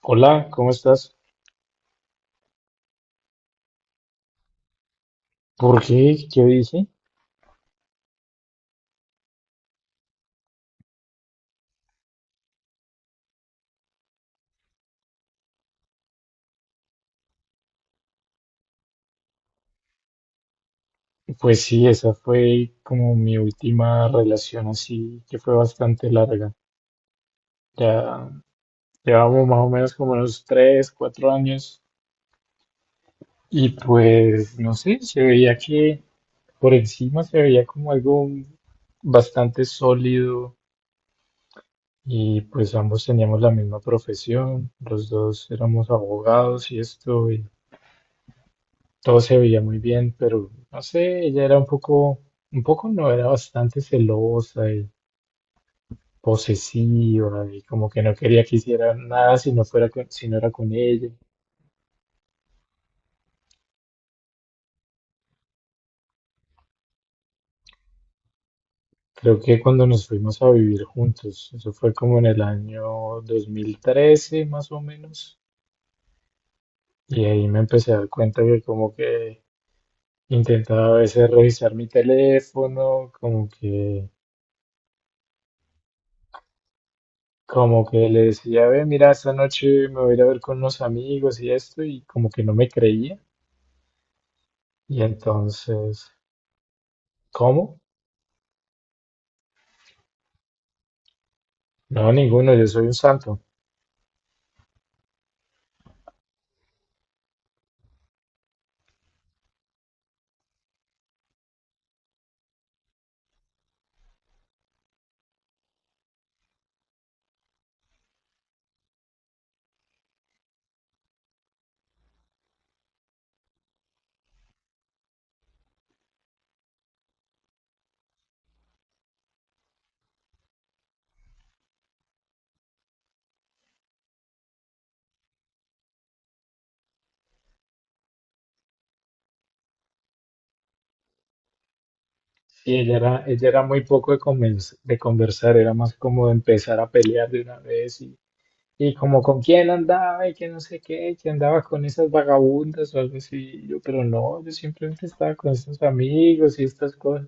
Hola, ¿cómo estás? ¿Por qué? ¿Qué dije? Pues sí, esa fue como mi última relación así, que fue bastante larga. Ya llevamos más o menos como unos 3, 4 años y pues no sé, se veía que por encima se veía como algo bastante sólido y pues ambos teníamos la misma profesión, los dos éramos abogados y esto, y todo se veía muy bien, pero no sé, ella era un poco no, era bastante celosa y posesiva y como que no quería que hiciera nada si no era con ella. Creo que cuando nos fuimos a vivir juntos, eso fue como en el año 2013 más o menos, y ahí me empecé a dar cuenta que como que intentaba a veces revisar mi teléfono. Como que le decía, ve, mira, esta noche me voy a ir a ver con unos amigos y esto, y como que no me creía. Y entonces, ¿cómo? No, ninguno, yo soy un santo. Y ella era muy poco de conversar, era más como de empezar a pelear de una vez y como con quién andaba y que no sé qué, que andaba con esas vagabundas o algo así. Y yo, pero no, yo simplemente estaba con estos amigos y estas cosas.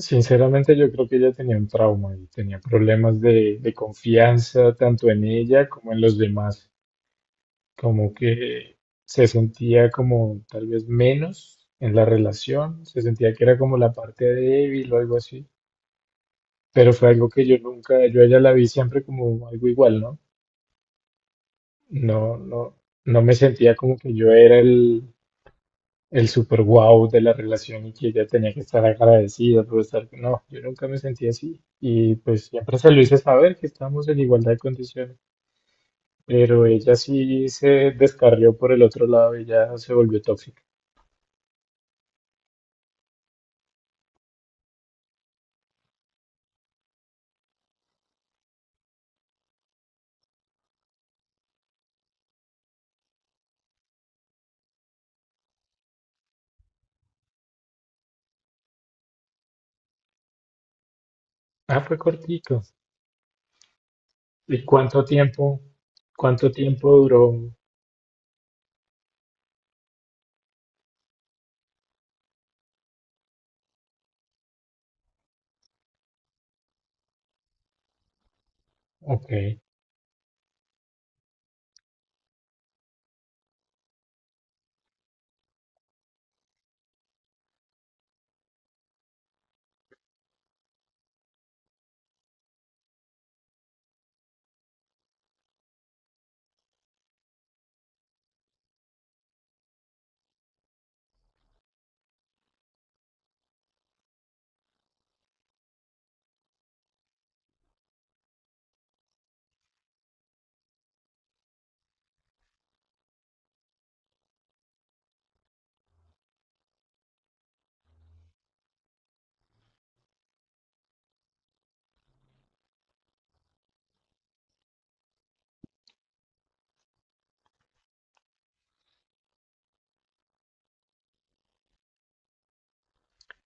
Sinceramente, yo creo que ella tenía un trauma y tenía problemas de confianza tanto en ella como en los demás, como que se sentía como tal vez menos en la relación, se sentía que era como la parte débil o algo así, pero fue algo que yo nunca, yo a ella la vi siempre como algo igual, ¿no? No, no, no me sentía como que yo era el super wow de la relación y que ella tenía que estar agradecida por estar. No, yo nunca me sentí así. Y pues siempre se lo hice saber que estábamos en igualdad de condiciones. Pero ella sí se descarrió por el otro lado, ella se volvió tóxica. Ah, fue cortico. ¿Y cuánto tiempo? ¿Cuánto tiempo duró? Ok.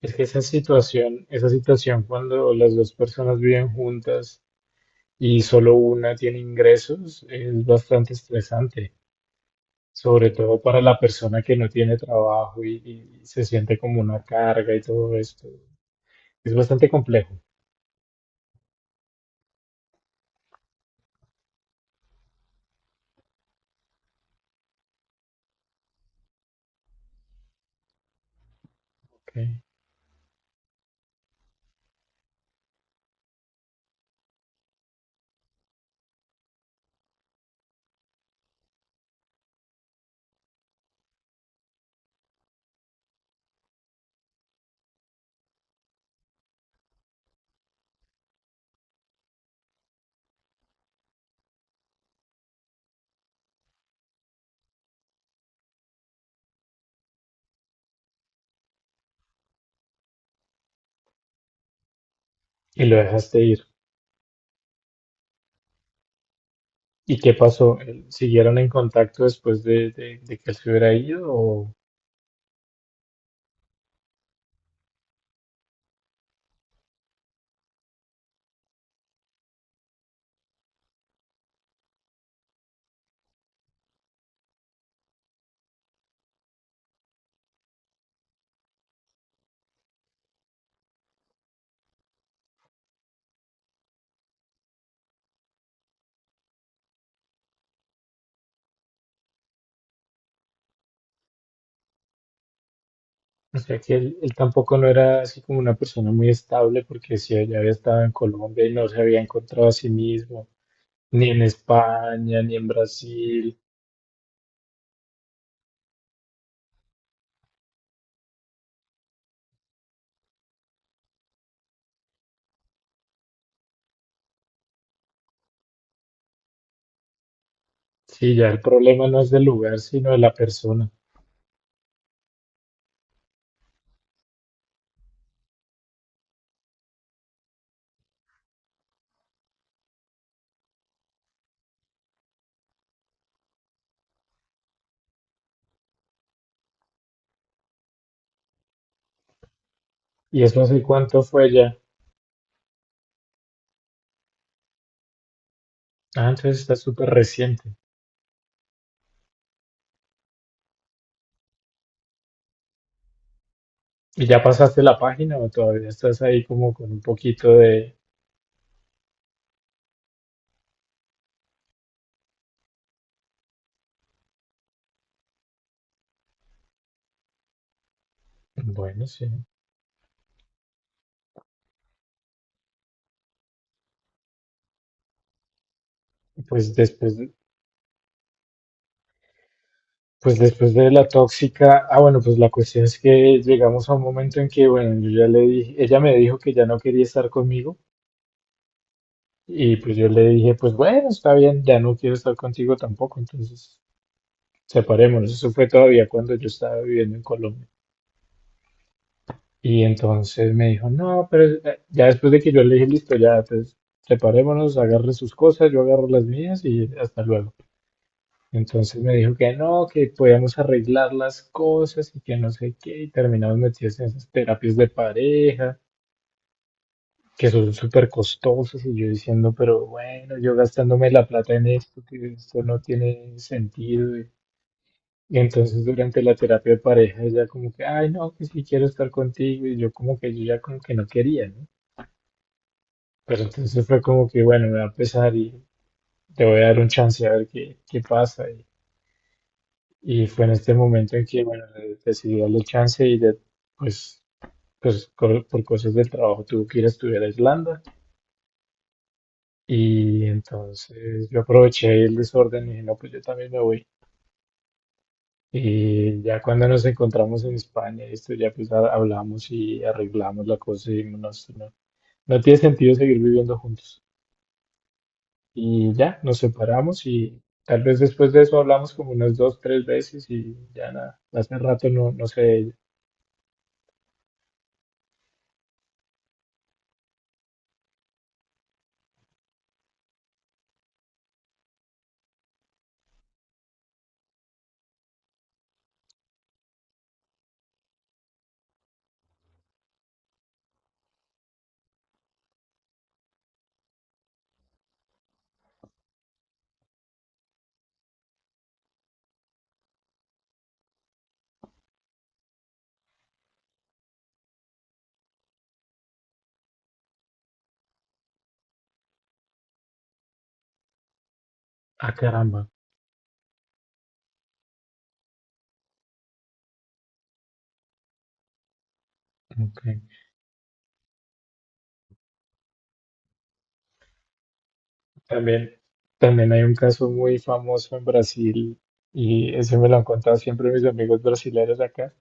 Es que esa situación cuando las dos personas viven juntas y solo una tiene ingresos, es bastante estresante, sobre todo para la persona que no tiene trabajo y se siente como una carga y todo esto. Es bastante complejo, ¿ok? Y lo dejaste ir. ¿Y qué pasó? ¿Siguieron en contacto después de que él se hubiera ido? O sea que él tampoco no era así como una persona muy estable porque si ella había estado en Colombia y no se había encontrado a sí mismo, ni en España, ni en Brasil. Sí, ya el problema no es del lugar, sino de la persona. ¿Y eso hace cuánto fue ya? Ah, entonces está súper reciente. ¿Y ya pasaste la página o todavía estás ahí como con un poquito de? Bueno, sí. Pues después, de- pues después de la tóxica. Ah, bueno, pues la cuestión es que llegamos a un momento en que, bueno, yo ya le dije, ella me dijo que ya no quería estar conmigo y pues yo le dije, pues bueno, está bien, ya no quiero estar contigo tampoco, entonces separémonos. Eso fue todavía cuando yo estaba viviendo en Colombia. Y entonces me dijo, no, pero ya después de que yo le dije, listo, ya, pues separémonos, agarre sus cosas, yo agarro las mías y hasta luego. Entonces me dijo que no, que podíamos arreglar las cosas y que no sé qué, y terminamos metidos en esas terapias de pareja, que son súper costosas, y yo diciendo, pero bueno, yo gastándome la plata en esto, que esto no tiene sentido. Y entonces durante la terapia de pareja ella como que, ay, no, que sí quiero estar contigo, y yo como que yo ya como que no quería, ¿no? Pero entonces fue como que, bueno, me va a empezar y te voy a dar un chance a ver qué pasa. Y fue en este momento en que, bueno, decidí darle chance y pues, por cosas del trabajo tuve que ir a estudiar a Islanda. Y entonces yo aproveché el desorden y dije, no, pues yo también me voy. Y ya cuando nos encontramos en España, esto ya pues hablamos y arreglamos la cosa y dijimos, no, esto no, no tiene sentido seguir viviendo juntos. Y ya, nos separamos y tal vez después de eso hablamos como unas dos, tres veces y ya nada. Hace rato no, no sé de ella. Ah, caramba. Ok. También, también hay un caso muy famoso en Brasil y ese me lo han contado siempre mis amigos brasileños acá.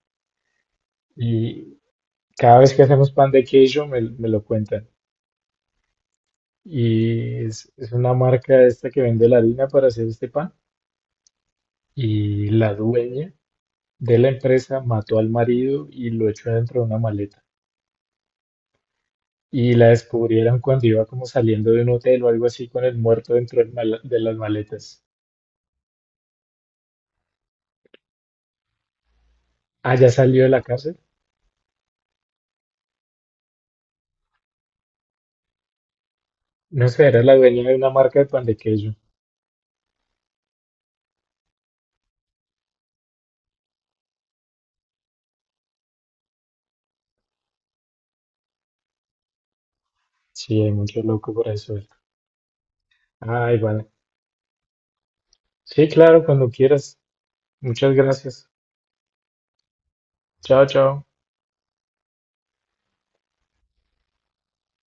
Y cada vez que hacemos pan de queijo me lo cuentan. Y es una marca esta que vende la harina para hacer este pan. Y la dueña de la empresa mató al marido y lo echó dentro de una maleta. Y la descubrieron cuando iba como saliendo de un hotel o algo así con el muerto dentro de las maletas. Ah, ya salió de la cárcel. No sé, era la dueña de una marca de pan de queso. Sí, hay mucho loco por eso. Ay, vale. Sí, claro, cuando quieras. Muchas gracias. Chao, chao.